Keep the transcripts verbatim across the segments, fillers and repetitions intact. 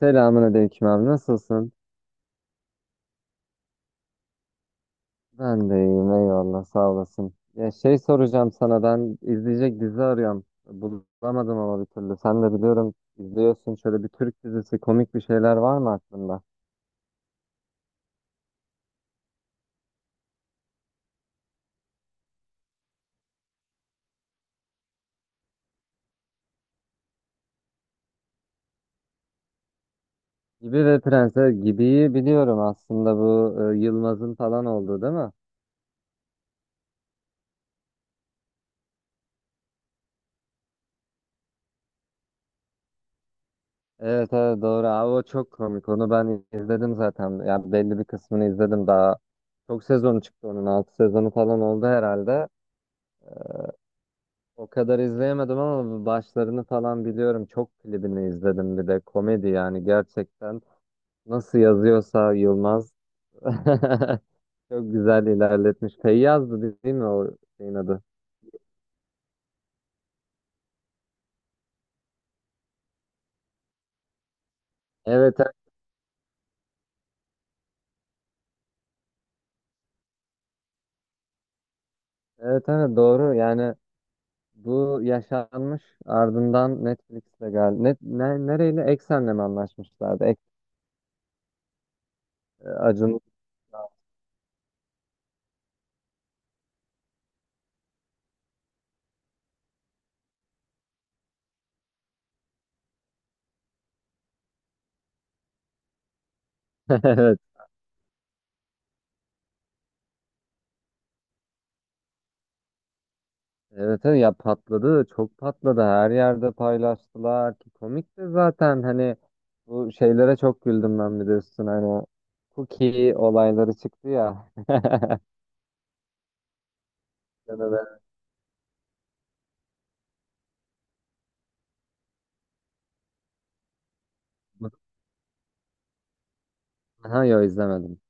Selamünaleyküm abi, nasılsın? Ben de iyiyim, eyvallah, sağ olasın. Ya şey soracağım sana, ben izleyecek dizi arıyorum. Bulamadım ama bir türlü. Sen de biliyorum izliyorsun, şöyle bir Türk dizisi, komik bir şeyler var mı aklında? Gibi ve Prenses Gibi'yi biliyorum, aslında bu e, Yılmaz'ın falan olduğu değil mi? Evet, evet, doğru abi, o çok komik, onu ben izledim zaten. Yani belli bir kısmını izledim daha. Çok sezonu çıktı, onun altı sezonu falan oldu herhalde. O kadar izleyemedim ama başlarını falan biliyorum. Çok klibini izledim, bir de komedi yani, gerçekten nasıl yazıyorsa Yılmaz çok güzel ilerletmiş. Feyyaz'dı değil mi o şeyin adı? Evet, evet, evet, evet, doğru yani, bu yaşanmış, ardından Netflix'le geldi. Net, ne, nereyle? Eksen'le mi anlaşmışlardı? Ek, Acun. Evet. Evet, evet ya, patladı, çok patladı, her yerde paylaştılar ki komik de zaten, hani bu şeylere çok güldüm ben, bir de üstüne hani cookie olayları çıktı ya. Ya da ben- Aha, yo, izlemedim.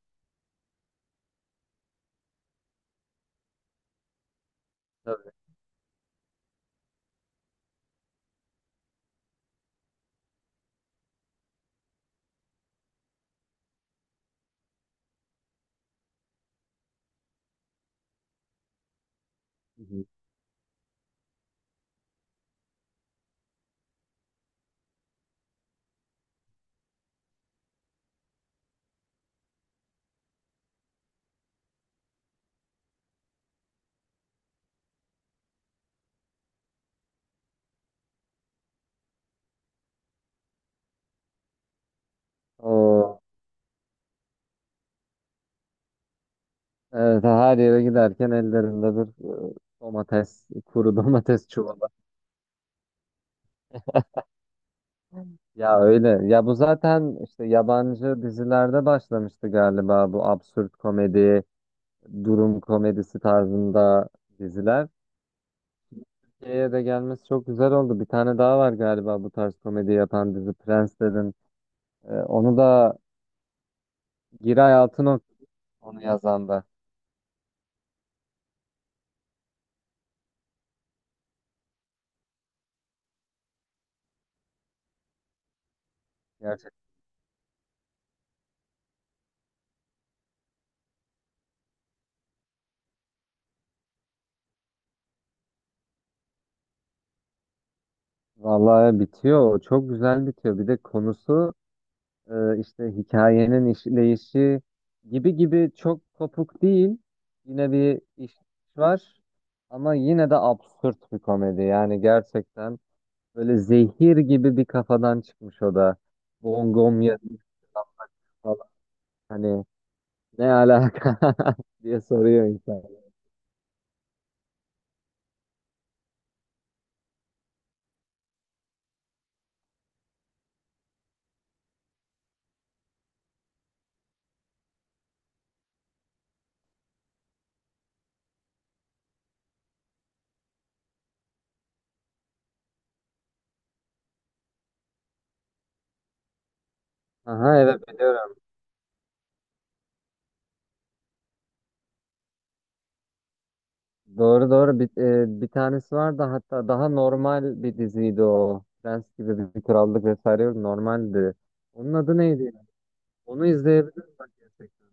Tabii. Hı hı. O evet, her yere giderken ellerinde bir e, domates, kuru domates çuvalı. Ya öyle. Ya bu zaten işte yabancı dizilerde başlamıştı galiba, bu absürt komedi, durum komedisi tarzında diziler. Türkiye'ye de gelmesi çok güzel oldu. Bir tane daha var galiba bu tarz komedi yapan dizi, Prens dedin. Ee, onu da Giray Altınok, onu yazan da. Gerçekten. Vallahi bitiyor. O çok güzel bitiyor. Bir de konusu, e, işte hikayenin işleyişi gibi gibi çok kopuk değil. Yine bir iş var ama yine de absürt bir komedi. Yani gerçekten böyle zehir gibi bir kafadan çıkmış o da. Bongom yazmış falan. Hani ne alaka diye soruyor insan. Aha, evet, biliyorum. Doğru, doğru, bir, e, bir tanesi var da hatta, daha normal bir diziydi o. Prens gibi bir bir krallık vesaire yok, normaldi. Onun adı neydi ya? Onu izleyebiliriz bak, gerçekten.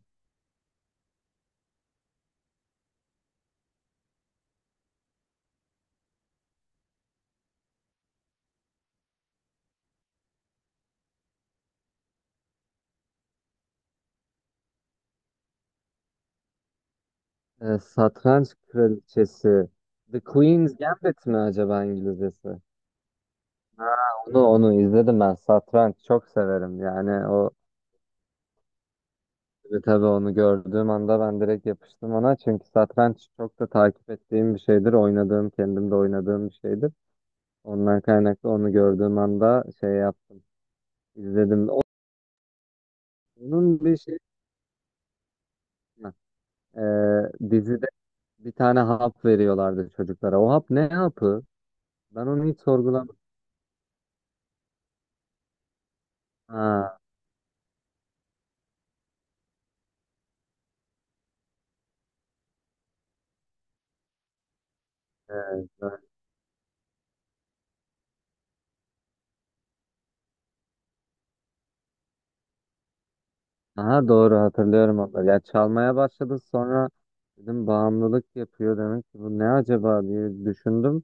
E, Satranç Kraliçesi. The Queen's Gambit mi acaba İngilizcesi? Ha, onu onu izledim ben. Satranç çok severim. Yani o, E, tabii onu gördüğüm anda ben direkt yapıştım ona. Çünkü satranç çok da takip ettiğim bir şeydir. Oynadığım, kendim de oynadığım bir şeydir. Ondan kaynaklı onu gördüğüm anda şey yaptım, izledim. Onun bir şey, e, dizide bir tane hap veriyorlardı çocuklara. O hap ne hapı? Ben onu hiç sorgulamadım. Ha, evet, evet. Aha, doğru hatırlıyorum onları. Ya çalmaya başladı sonra, dedim bağımlılık yapıyor demek ki, bu ne acaba diye düşündüm.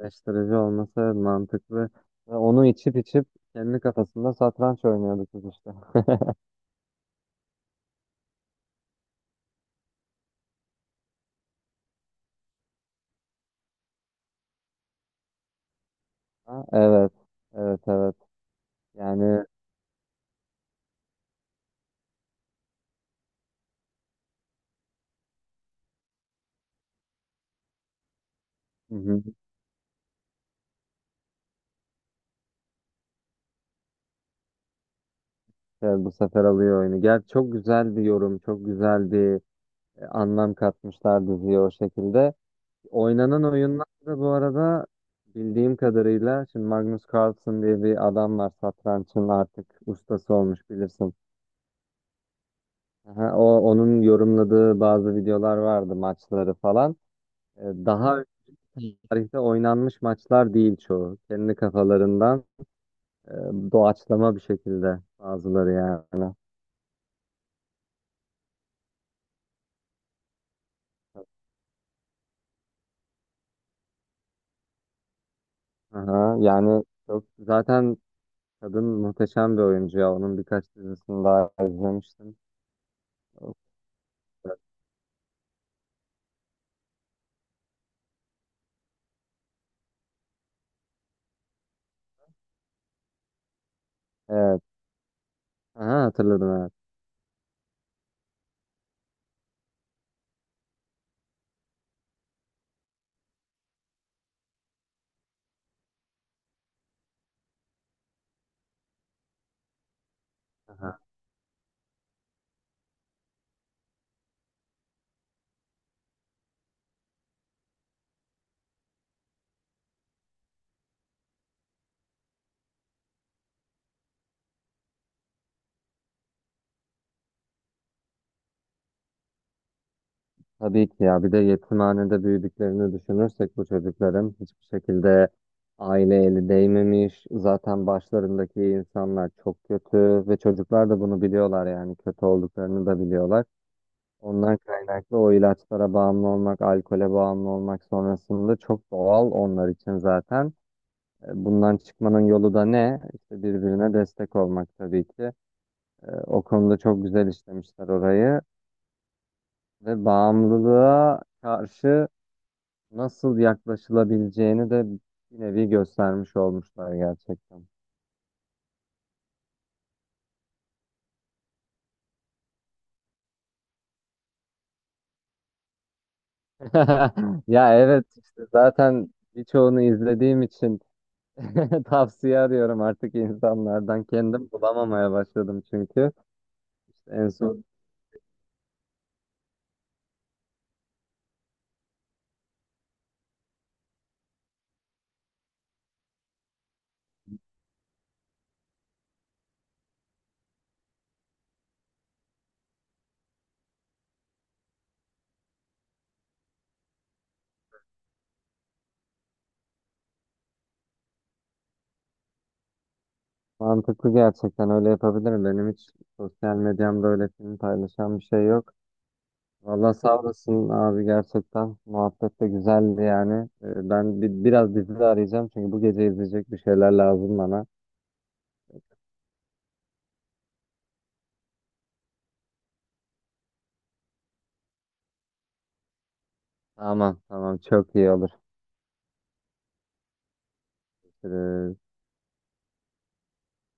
Eleştirici olması, evet, mantıklı. Ve onu içip içip kendi kafasında satranç oynuyordu kız işte. Ha, evet. Evet, evet. Yani, hı hı. Evet, bu sefer alıyor oyunu. Gel, çok güzel bir yorum, çok güzel bir e, anlam katmışlar diziye o şekilde. Oynanan oyunlar da bu arada, bildiğim kadarıyla, şimdi Magnus Carlsen diye bir adam var, satrançın artık ustası olmuş, bilirsin. Aha, o onun yorumladığı bazı videolar vardı, maçları falan. E, Daha tarihte oynanmış maçlar değil çoğu. Kendi kafalarından e, doğaçlama bir şekilde bazıları yani. Aha, yani çok zaten, kadın muhteşem bir oyuncu ya. Onun birkaç dizisini daha izlemiştim. Evet. Aha, hatırladım, evet. Aha. Tabii ki ya. Bir de yetimhanede büyüdüklerini düşünürsek, bu çocukların hiçbir şekilde aile eli değmemiş. Zaten başlarındaki insanlar çok kötü ve çocuklar da bunu biliyorlar, yani kötü olduklarını da biliyorlar. Ondan kaynaklı o ilaçlara bağımlı olmak, alkole bağımlı olmak sonrasında çok doğal onlar için zaten. E, Bundan çıkmanın yolu da ne? İşte birbirine destek olmak tabii ki. E, O konuda çok güzel işlemişler orayı ve bağımlılığa karşı nasıl yaklaşılabileceğini de bir nevi göstermiş olmuşlar gerçekten. Ya evet, işte zaten birçoğunu izlediğim için tavsiye arıyorum artık insanlardan. Kendim bulamamaya başladım çünkü. İşte en son, mantıklı gerçekten, öyle yapabilirim. Benim hiç sosyal medyamda öyle film paylaşan bir şey yok. Valla sağ olasın abi, gerçekten. Muhabbet de güzeldi yani. Ee, Ben bir, biraz dizi de arayacağım, çünkü bu gece izleyecek bir şeyler lazım bana. Tamam, tamam, çok iyi olur.